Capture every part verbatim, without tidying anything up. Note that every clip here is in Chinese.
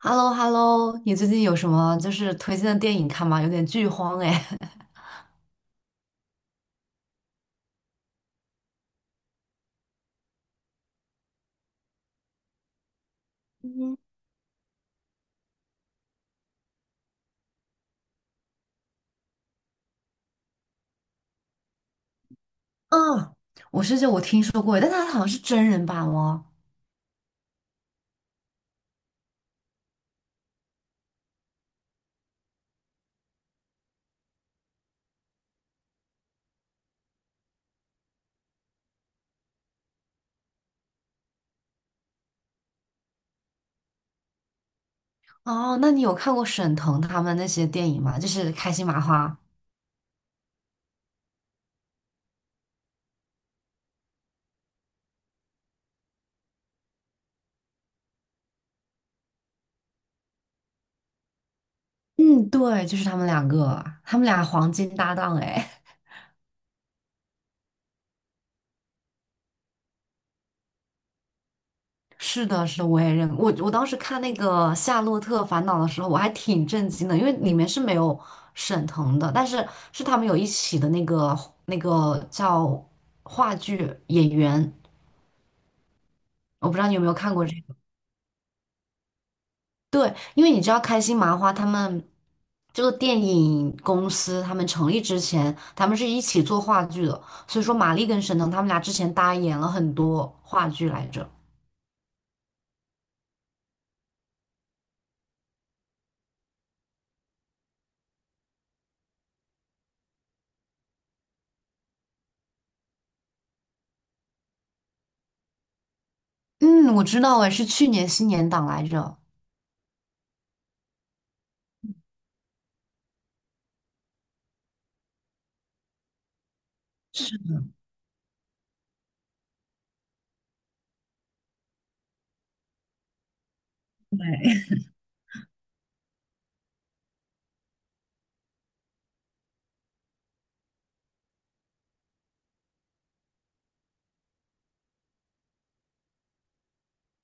h e l l o h e l l o 你最近有什么就是推荐的电影看吗？有点剧荒哎。啊，我是就我听说过，但它好像是真人版哦。哦，那你有看过沈腾他们那些电影吗？就是开心麻花。嗯，对，就是他们两个，他们俩黄金搭档哎。是的，是的，我也认我我当时看那个《夏洛特烦恼》的时候，我还挺震惊的，因为里面是没有沈腾的，但是是他们有一起的那个那个叫话剧演员。我不知道你有没有看过这个？对，因为你知道开心麻花他们这个电影公司，他们成立之前，他们是一起做话剧的，所以说马丽跟沈腾他们俩之前搭演了很多话剧来着。嗯，我知道，哎，是去年新年档来着。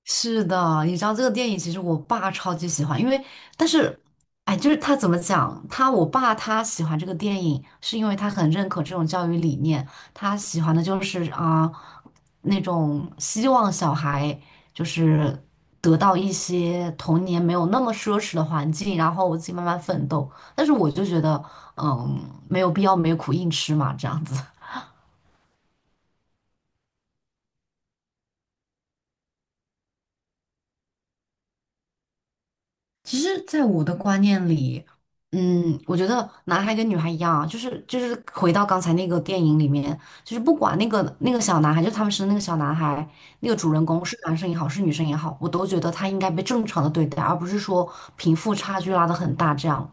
是的，你知道这个电影，其实我爸超级喜欢，因为但是，哎，就是他怎么讲，他我爸他喜欢这个电影，是因为他很认可这种教育理念，他喜欢的就是啊、那种希望小孩就是得到一些童年没有那么奢侈的环境，然后我自己慢慢奋斗。但是我就觉得，嗯，没有必要没苦硬吃嘛，这样子。其实，在我的观念里，嗯，我觉得男孩跟女孩一样啊，就是就是回到刚才那个电影里面，就是不管那个那个小男孩，就是他们生的那个小男孩，那个主人公是男生也好，是女生也好，我都觉得他应该被正常的对待，而不是说贫富差距拉得很大这样。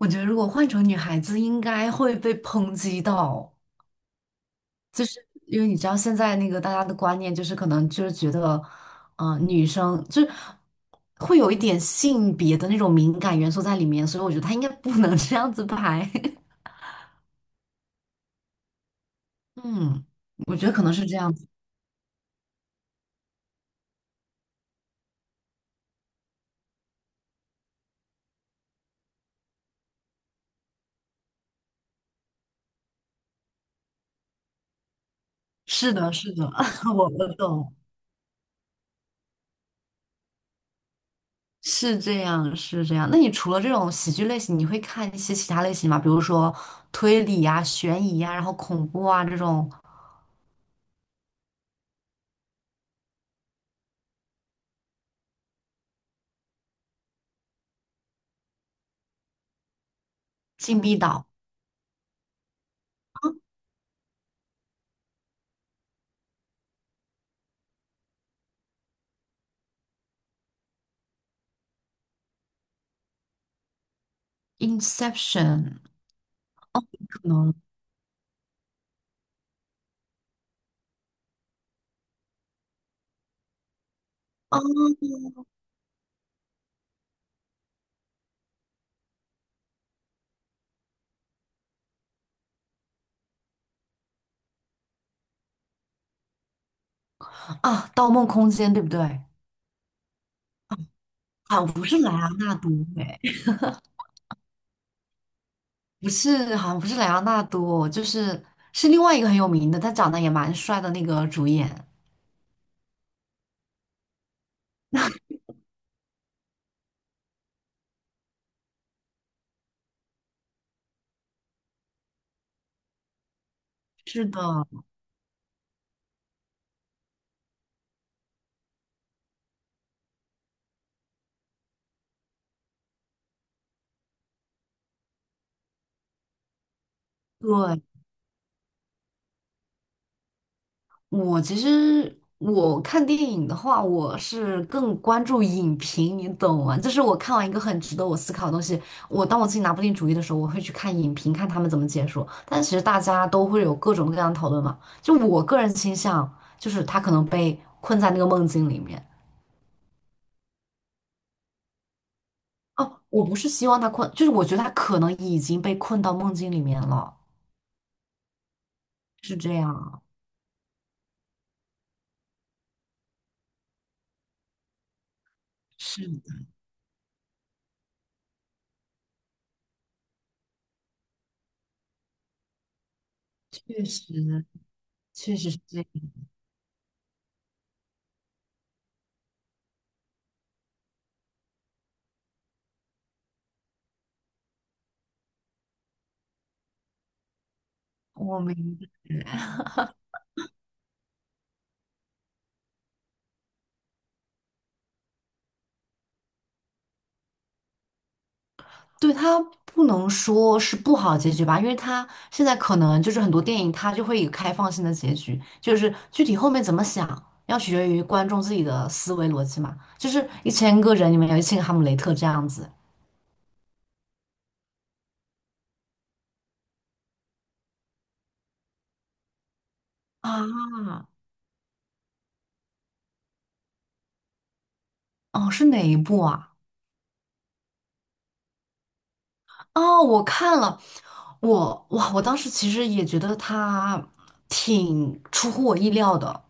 我觉得如果换成女孩子，应该会被抨击到。就是因为你知道现在那个大家的观念就是可能就是觉得，嗯、女生就是会有一点性别的那种敏感元素在里面，所以我觉得他应该不能 这样子拍。嗯，我觉得可能是这样子。是的，是的，我我懂，是这样，是这样。那你除了这种喜剧类型，你会看一些其他类型吗？比如说推理啊、悬疑啊，然后恐怖啊这种，《禁闭岛》《Inception》可能啊啊，《盗梦空间》对不对？好像不是莱昂纳多，哎，不是，好像不是莱昂纳多，就是是另外一个很有名的，他长得也蛮帅的那个主演。是的，对，我其实我看电影的话，我是更关注影评，你懂吗？就是我看完一个很值得我思考的东西，我当我自己拿不定主意的时候，我会去看影评，看他们怎么解说。但其实大家都会有各种各样的讨论嘛，就我个人倾向，就是他可能被困在那个梦境里面。哦，我不是希望他困，就是我觉得他可能已经被困到梦境里面了，是这样。是的，确实，确实是这样。我明白。对，他不能说是不好结局吧，因为他现在可能就是很多电影，它就会有开放性的结局，就是具体后面怎么想，要取决于观众自己的思维逻辑嘛。就是一千个人里面有一千个哈姆雷特这样子啊。哦，是哪一部啊？哦，我看了，我哇，我当时其实也觉得他挺出乎我意料的。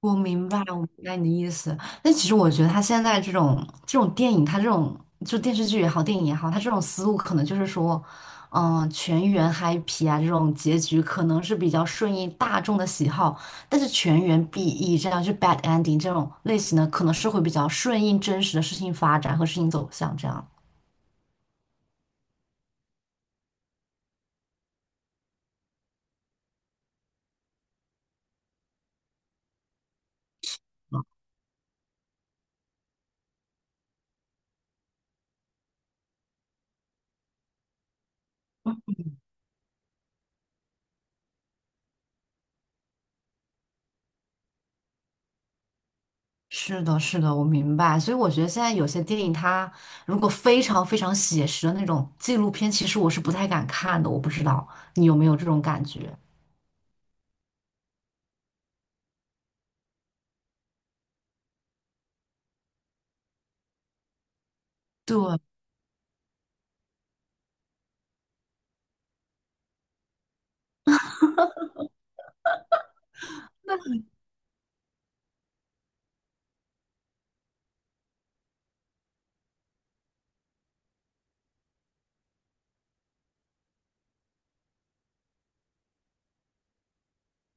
我明白，我明白你的意思。但其实我觉得他现在这种这种电影，他这种就电视剧也好，电影也好，他这种思路可能就是说，嗯、全员 happy 啊，这种结局可能是比较顺应大众的喜好，但是全员 B E 这样就 bad ending 这种类型的，可能是会比较顺应真实的事情发展和事情走向这样。是的，是的，我明白。所以我觉得现在有些电影，它如果非常非常写实的那种纪录片，其实我是不太敢看的。我不知道你有没有这种感觉？对，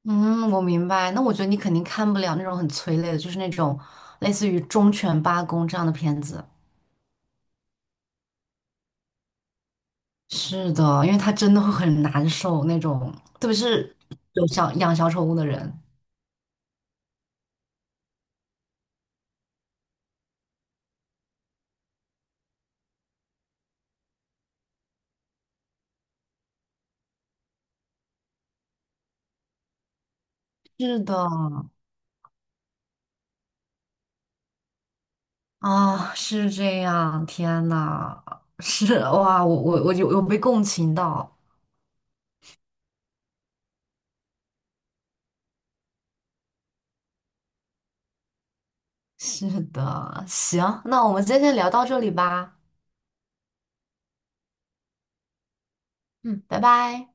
嗯，我明白。那我觉得你肯定看不了那种很催泪的，就是那种类似于《忠犬八公》这样的片子。是的，因为它真的会很难受那种，特别是有小养小宠物的人。是的，啊，是这样。天呐，是哇，我我我有有被共情到。是的，行，那我们今天先聊到这里吧，嗯，拜拜。